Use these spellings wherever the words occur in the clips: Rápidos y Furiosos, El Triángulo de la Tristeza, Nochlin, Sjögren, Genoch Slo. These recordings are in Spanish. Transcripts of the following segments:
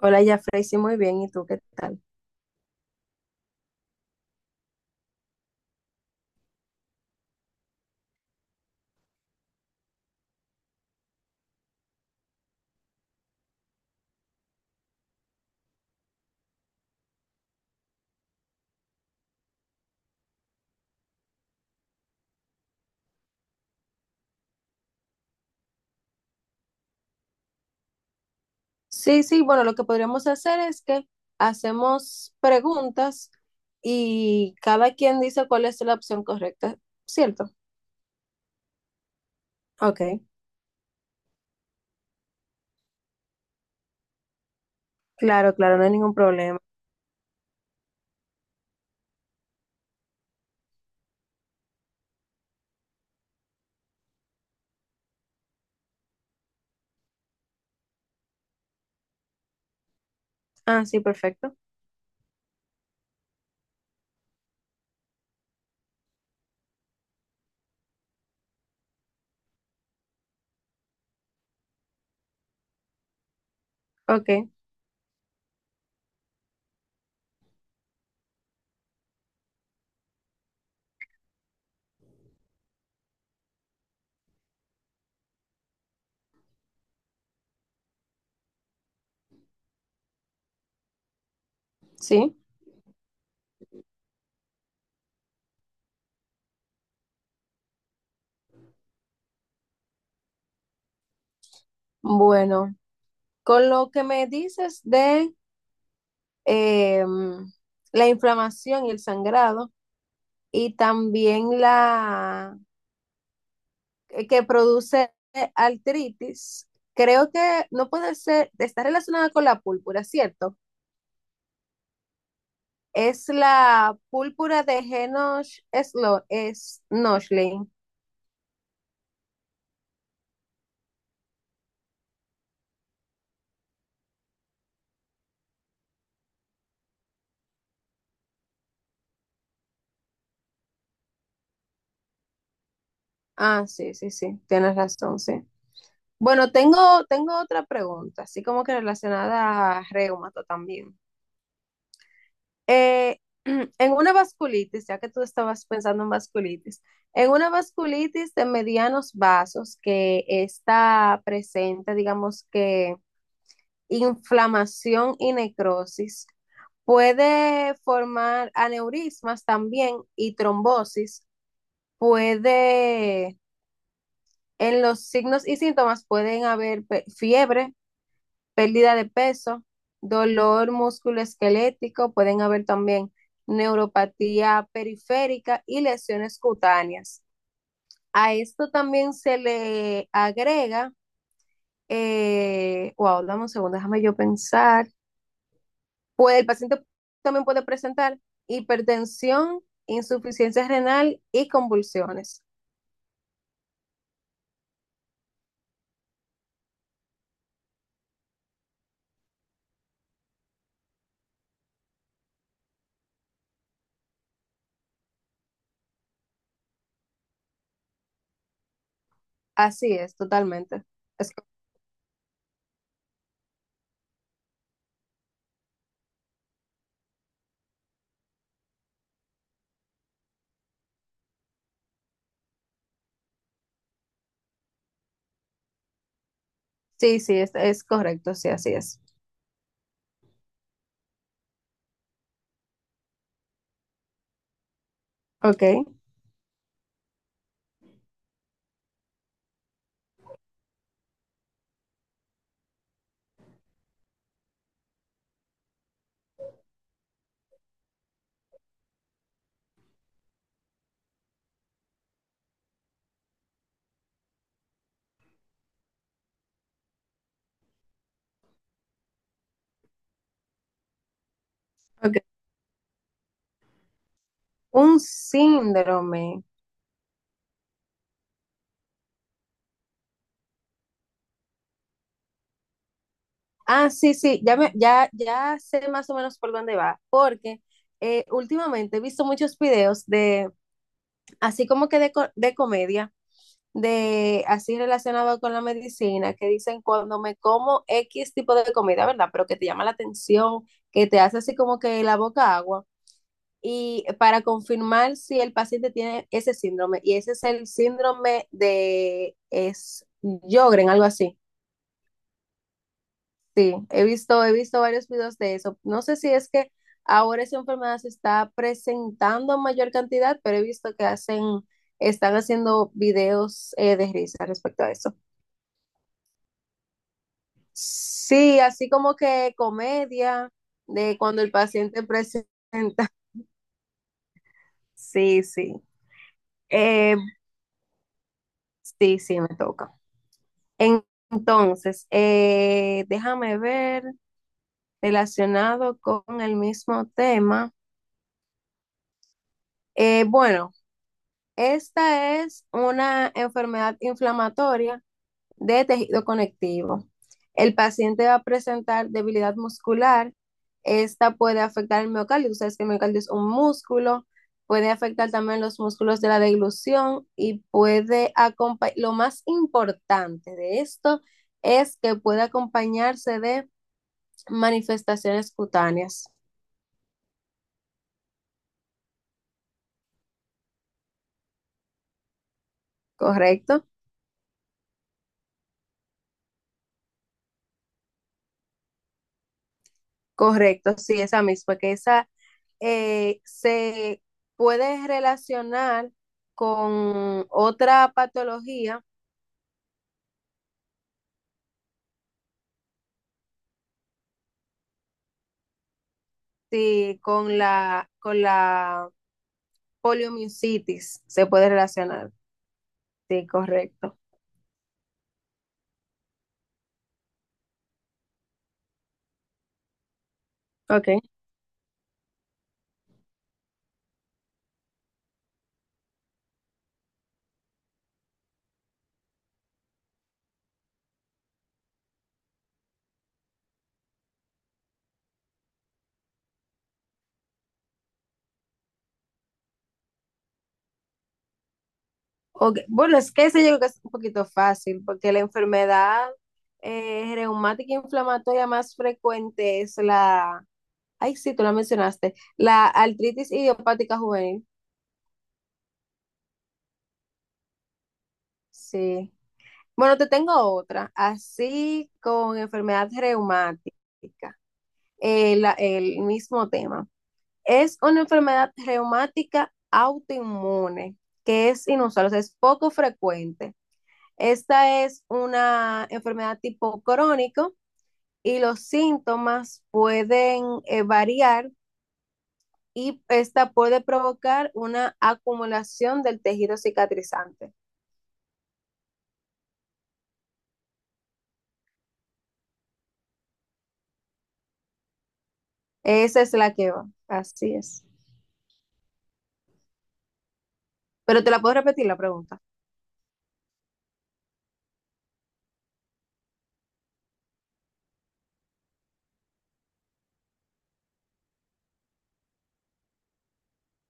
Hola, Jafrey, sí, muy bien. ¿Y tú qué tal? Sí, sí, bueno, lo que podríamos hacer es que hacemos preguntas y cada quien dice cuál es la opción correcta, ¿cierto? Ok, claro, claro, no hay ningún problema. Ah, sí, perfecto. Ok, sí. Bueno, con lo que me dices de em, la inflamación y el sangrado, y también la que produce artritis. Creo que no puede ser, está relacionada con la púrpura, ¿cierto? Es la púrpura de Genoch es Nochlin. Ah, sí, sí, sí, tienes razón, sí. Bueno, tengo otra pregunta, así como que relacionada a reumato también. Eh, en una vasculitis, ya que tú estabas pensando en vasculitis, en una vasculitis de medianos vasos que está presente, digamos que inflamación y necrosis, puede formar aneurismas también y trombosis, puede, en los signos y síntomas pueden haber fiebre, pérdida de peso, dolor musculoesquelético, pueden haber también neuropatía periférica y lesiones cutáneas. A esto también se le agrega, wow, dame un segundo, déjame yo pensar. El paciente también puede presentar hipertensión, insuficiencia renal y convulsiones. Así es, totalmente. Es- sí, sí, es correcto, sí, así es. Ok, ok. Un síndrome. Ah, sí, sí, ya, ya sé más o menos por dónde va, porque últimamente he visto muchos videos de, así como que de, de comedia, de así relacionado con la medicina, que dicen cuando me como X tipo de comida, ¿verdad? Pero que te llama la atención, que te hace así como que la boca agua, y para confirmar si el paciente tiene ese síndrome, y ese es el síndrome de Sjögren, algo así. Sí, he visto varios videos de eso. No sé si es que ahora esa enfermedad se está presentando en mayor cantidad, pero he visto que están haciendo videos de risa respecto a eso. Sí, así como que comedia de cuando el paciente presenta. Sí, sí. Eh, sí, sí, me toca. En- entonces, déjame ver relacionado con el mismo tema. Bueno. Esta es una enfermedad inflamatoria de tejido conectivo. El paciente va a presentar debilidad muscular. Esta puede afectar el miocardio. Tú sabes que el miocardio es un músculo. Puede afectar también los músculos de la deglución y puede acompañar. Lo más importante de esto es que puede acompañarse de manifestaciones cutáneas. ¿Correcto? Correcto, sí, esa misma, que esa se puede relacionar con otra patología, sí, con la poliomielitis se puede relacionar. Sí, correcto. Okay. Okay. Bueno, es que ese yo creo que es un poquito fácil, porque la enfermedad reumática inflamatoria más frecuente es la, ay, sí, tú la mencionaste, la artritis idiopática juvenil. Sí. Bueno, te tengo otra, así con enfermedad reumática, el mismo tema. Es una enfermedad reumática autoinmune, que es inusual, o sea, es poco frecuente. Esta es una enfermedad tipo crónico y los síntomas pueden variar y esta puede provocar una acumulación del tejido cicatrizante. Esa es la que va, así es. Pero te la puedo repetir la pregunta.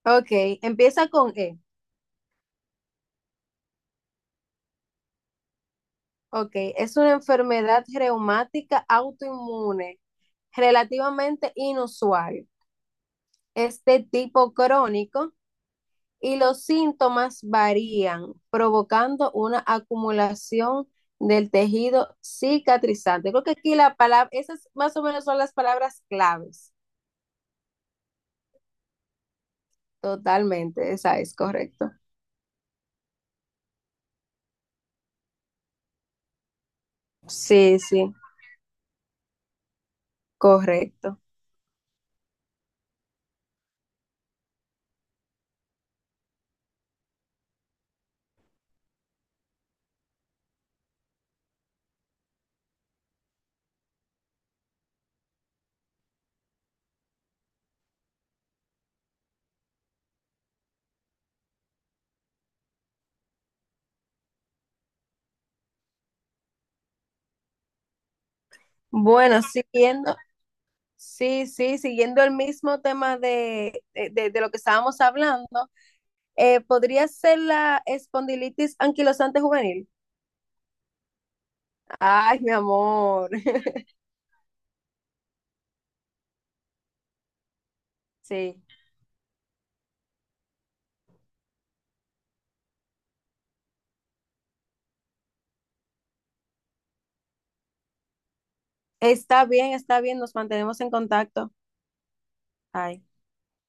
Ok, empieza con E. Ok, es una enfermedad reumática autoinmune relativamente inusual. Es de tipo crónico y los síntomas varían, provocando una acumulación del tejido cicatrizante. Creo que aquí la palabra, esas más o menos son las palabras claves. Totalmente, esa es correcto. Sí, sí, correcto. Bueno, siguiendo. Sí, sí, siguiendo el mismo tema de lo que estábamos hablando, podría ser la espondilitis anquilosante juvenil. Ay, mi amor. Sí, está bien, nos mantenemos en contacto. Ay.